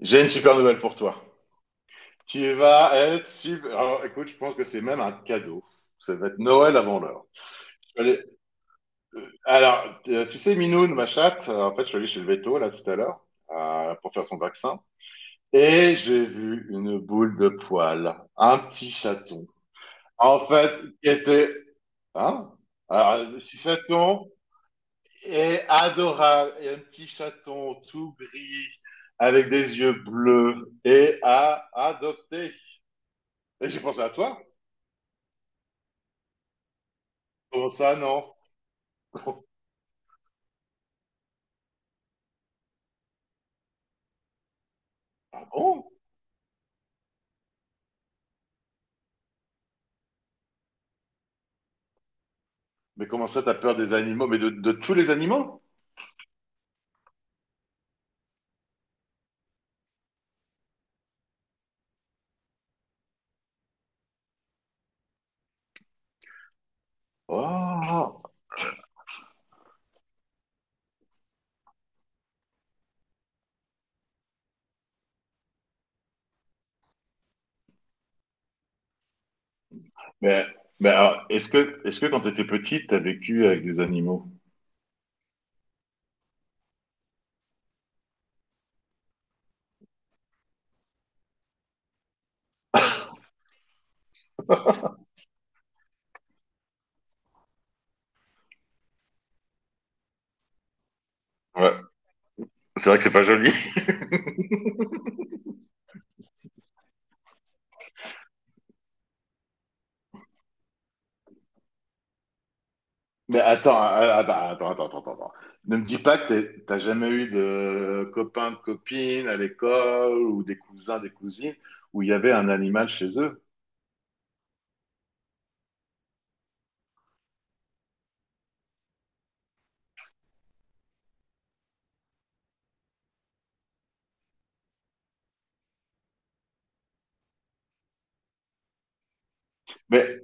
J'ai une super nouvelle pour toi. Tu vas être super. Alors, écoute, je pense que c'est même un cadeau. Ça va être Noël avant l'heure. Je suis allé- Alors, tu sais, Minoune, ma chatte, en fait, je suis allé chez le veto, là, tout à l'heure, pour faire son vaccin. Et j'ai vu une boule de poil, un petit chaton. En fait, qui était, hein? Alors, le petit chaton est adorable. Et un petit chaton tout gris, avec des yeux bleus, et à adopter. Et j'ai pensé à toi. Comment ça, non? Oh, mais comment ça, t'as peur des animaux? Mais de tous les animaux? Oh. Mais, mais alors, est-ce que quand t'étais petite, t'as vécu avec des animaux? Ouais, c'est vrai que c'est pas joli. Mais attends, ah, ah, bah, attends, attends, attends, attends. Ne me dis pas que t'as jamais eu de copains, de copines à l'école ou des cousins, des cousines où il y avait un animal chez eux. Mais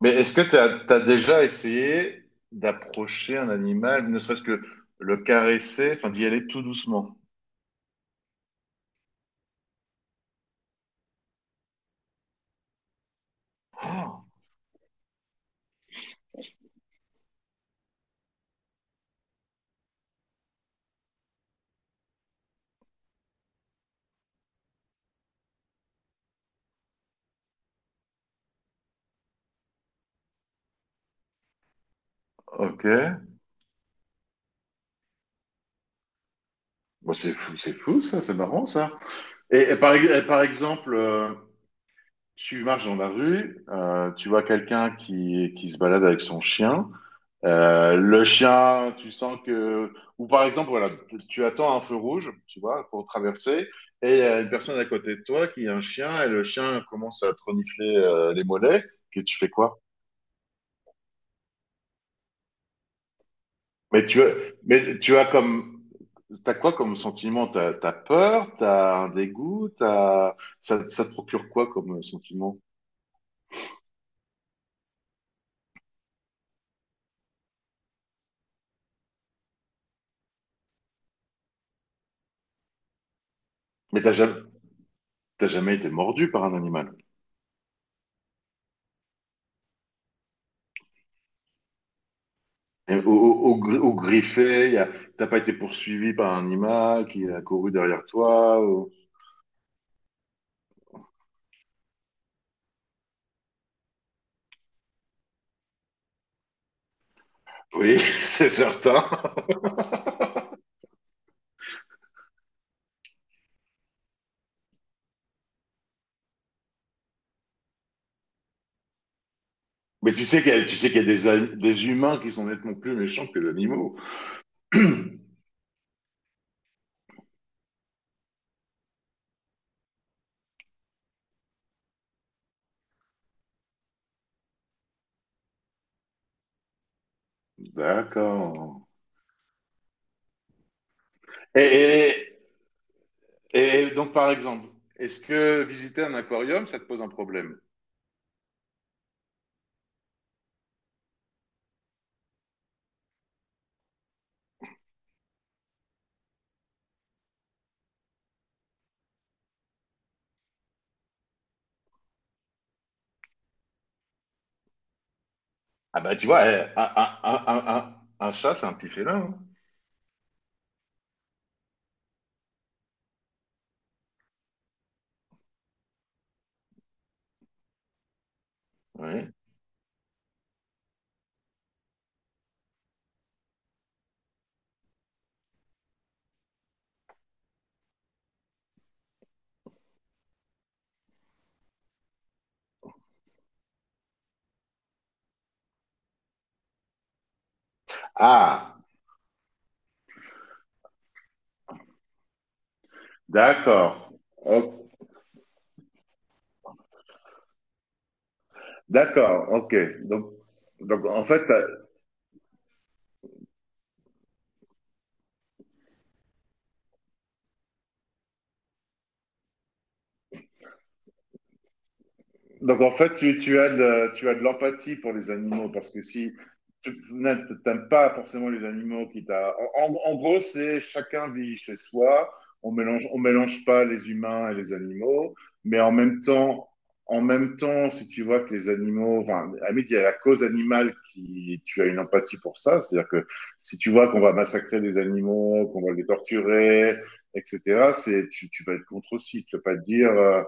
est-ce que tu as déjà essayé d'approcher un animal, ne serait-ce que le caresser, enfin d'y aller tout doucement? Oh, ok. Bon, c'est fou ça, c'est marrant ça. Et par exemple, tu marches dans la rue, tu vois quelqu'un qui se balade avec son chien. Le chien, tu sens que... Ou par exemple, voilà, tu attends un feu rouge, tu vois, pour traverser, et il y a une personne à côté de toi qui a un chien, et le chien commence à te renifler les mollets, que tu fais quoi? Mais tu as, mais tu as comme... T'as quoi comme sentiment? T'as peur? T'as un dégoût? T'as... ça te procure quoi comme sentiment? Mais t'as jamais été mordu par un animal. Et au griffé, t'as pas été poursuivi par un animal qui a couru derrière toi, ou- Oui, c'est certain. Mais tu sais qu'il y a, tu sais qu'il y a des humains qui sont nettement plus méchants que les animaux. D'accord. Et, et donc, par exemple, est-ce que visiter un aquarium, ça te pose un problème? Ah bah tu vois, eh, un chat, c'est un petit félin, hein. Oui. Ah, d'accord. Oh. D'accord, ok. Donc, donc, en fait, Donc en fait, tu as de l'empathie pour les animaux. Parce que si tu n'aimes pas forcément les animaux qui t'a... En, en gros, c'est chacun vit chez soi, on mélange pas les humains et les animaux, mais en même temps, si tu vois que les animaux, enfin, à la limite, il y a la cause animale qui, tu as une empathie pour ça, c'est-à-dire que si tu vois qu'on va massacrer des animaux, qu'on va les torturer, etc., tu, tu vas être contre aussi, tu vas pas te dire,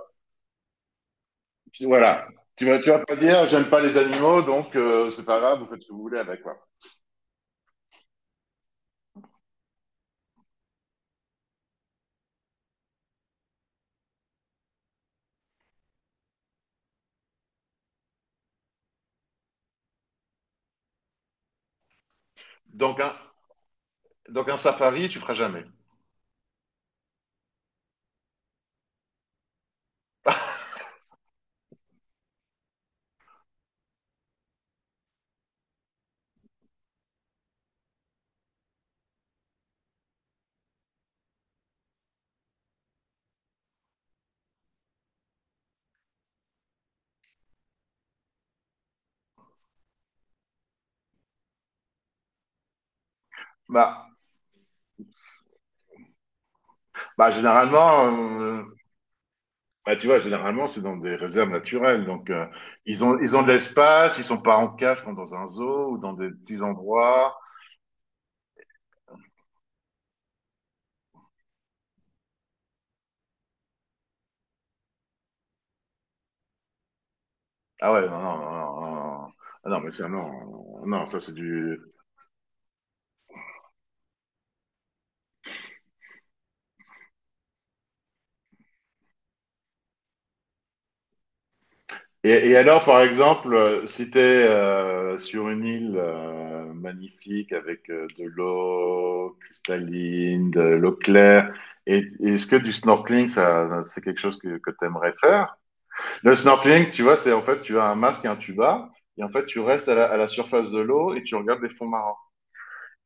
puis voilà. Tu vas pas dire, j'aime pas les animaux, donc c'est pas grave, vous faites ce que vous voulez avec. Quoi. Donc, un, donc un safari, tu feras jamais. Bah, bah généralement, euh, bah, tu vois, généralement, c'est dans des réserves naturelles. Donc, ils ont de l'espace, ils sont pas en cage comme dans un zoo ou dans des petits endroits. Ah ouais, non, non, non, non, non. Ah non, mais ça, non, non, ça c'est du, Et alors, par exemple, si tu es sur une île magnifique avec de l'eau cristalline, de l'eau claire, est-ce que du snorkeling, c'est quelque chose que tu aimerais faire? Le snorkeling, tu vois, c'est en fait, tu as un masque et un tuba, et en fait, tu restes à la surface de l'eau et tu regardes les fonds marins.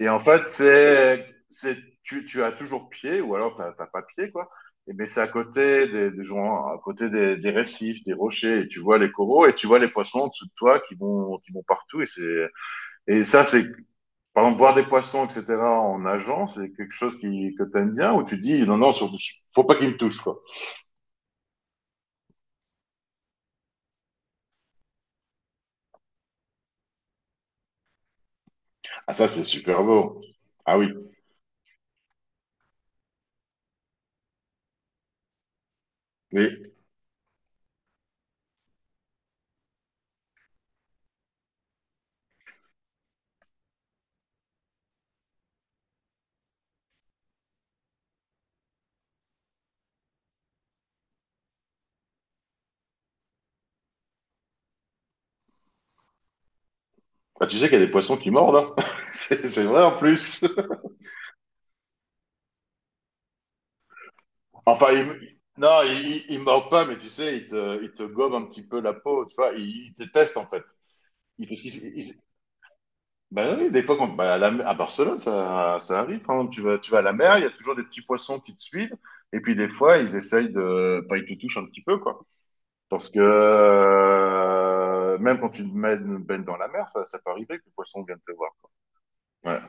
Et en fait, tu as toujours pied, ou alors t'as pas pied, quoi. Et mais c'est à côté des gens, à côté des récifs, des rochers, et tu vois les coraux, et tu vois les poissons en dessous de toi qui vont partout, et c'est, et ça, c'est, par exemple, voir des poissons, etc., en nageant, c'est quelque chose qui, que t'aimes bien, où tu dis, non, non, surtout, faut pas qu'ils me touchent, quoi. Ah, ça, c'est super beau. Ah oui. Mais, bah, tu sais qu'il y a des poissons qui mordent, hein. C'est vrai, en plus. Enfin, non, il mord pas, mais tu sais, il te gobe un petit peu la peau, tu vois, il te teste en fait. Il, parce qu'il s- il s- bah oui, des fois, quand, bah, à Barcelone, ça arrive, par exemple, tu vas à la mer, il y a toujours des petits poissons qui te suivent, et puis des fois, ils essayent de, enfin, ils te touchent un petit peu, quoi. Parce que même quand baignes dans la mer, ça peut arriver que le poisson vienne te voir. Ouais.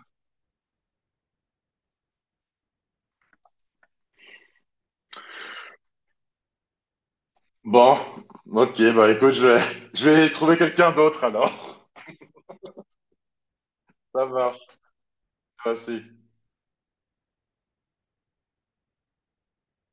Bon, ok, bah écoute, je vais, je vais trouver quelqu'un d'autre alors. Ça marche, merci.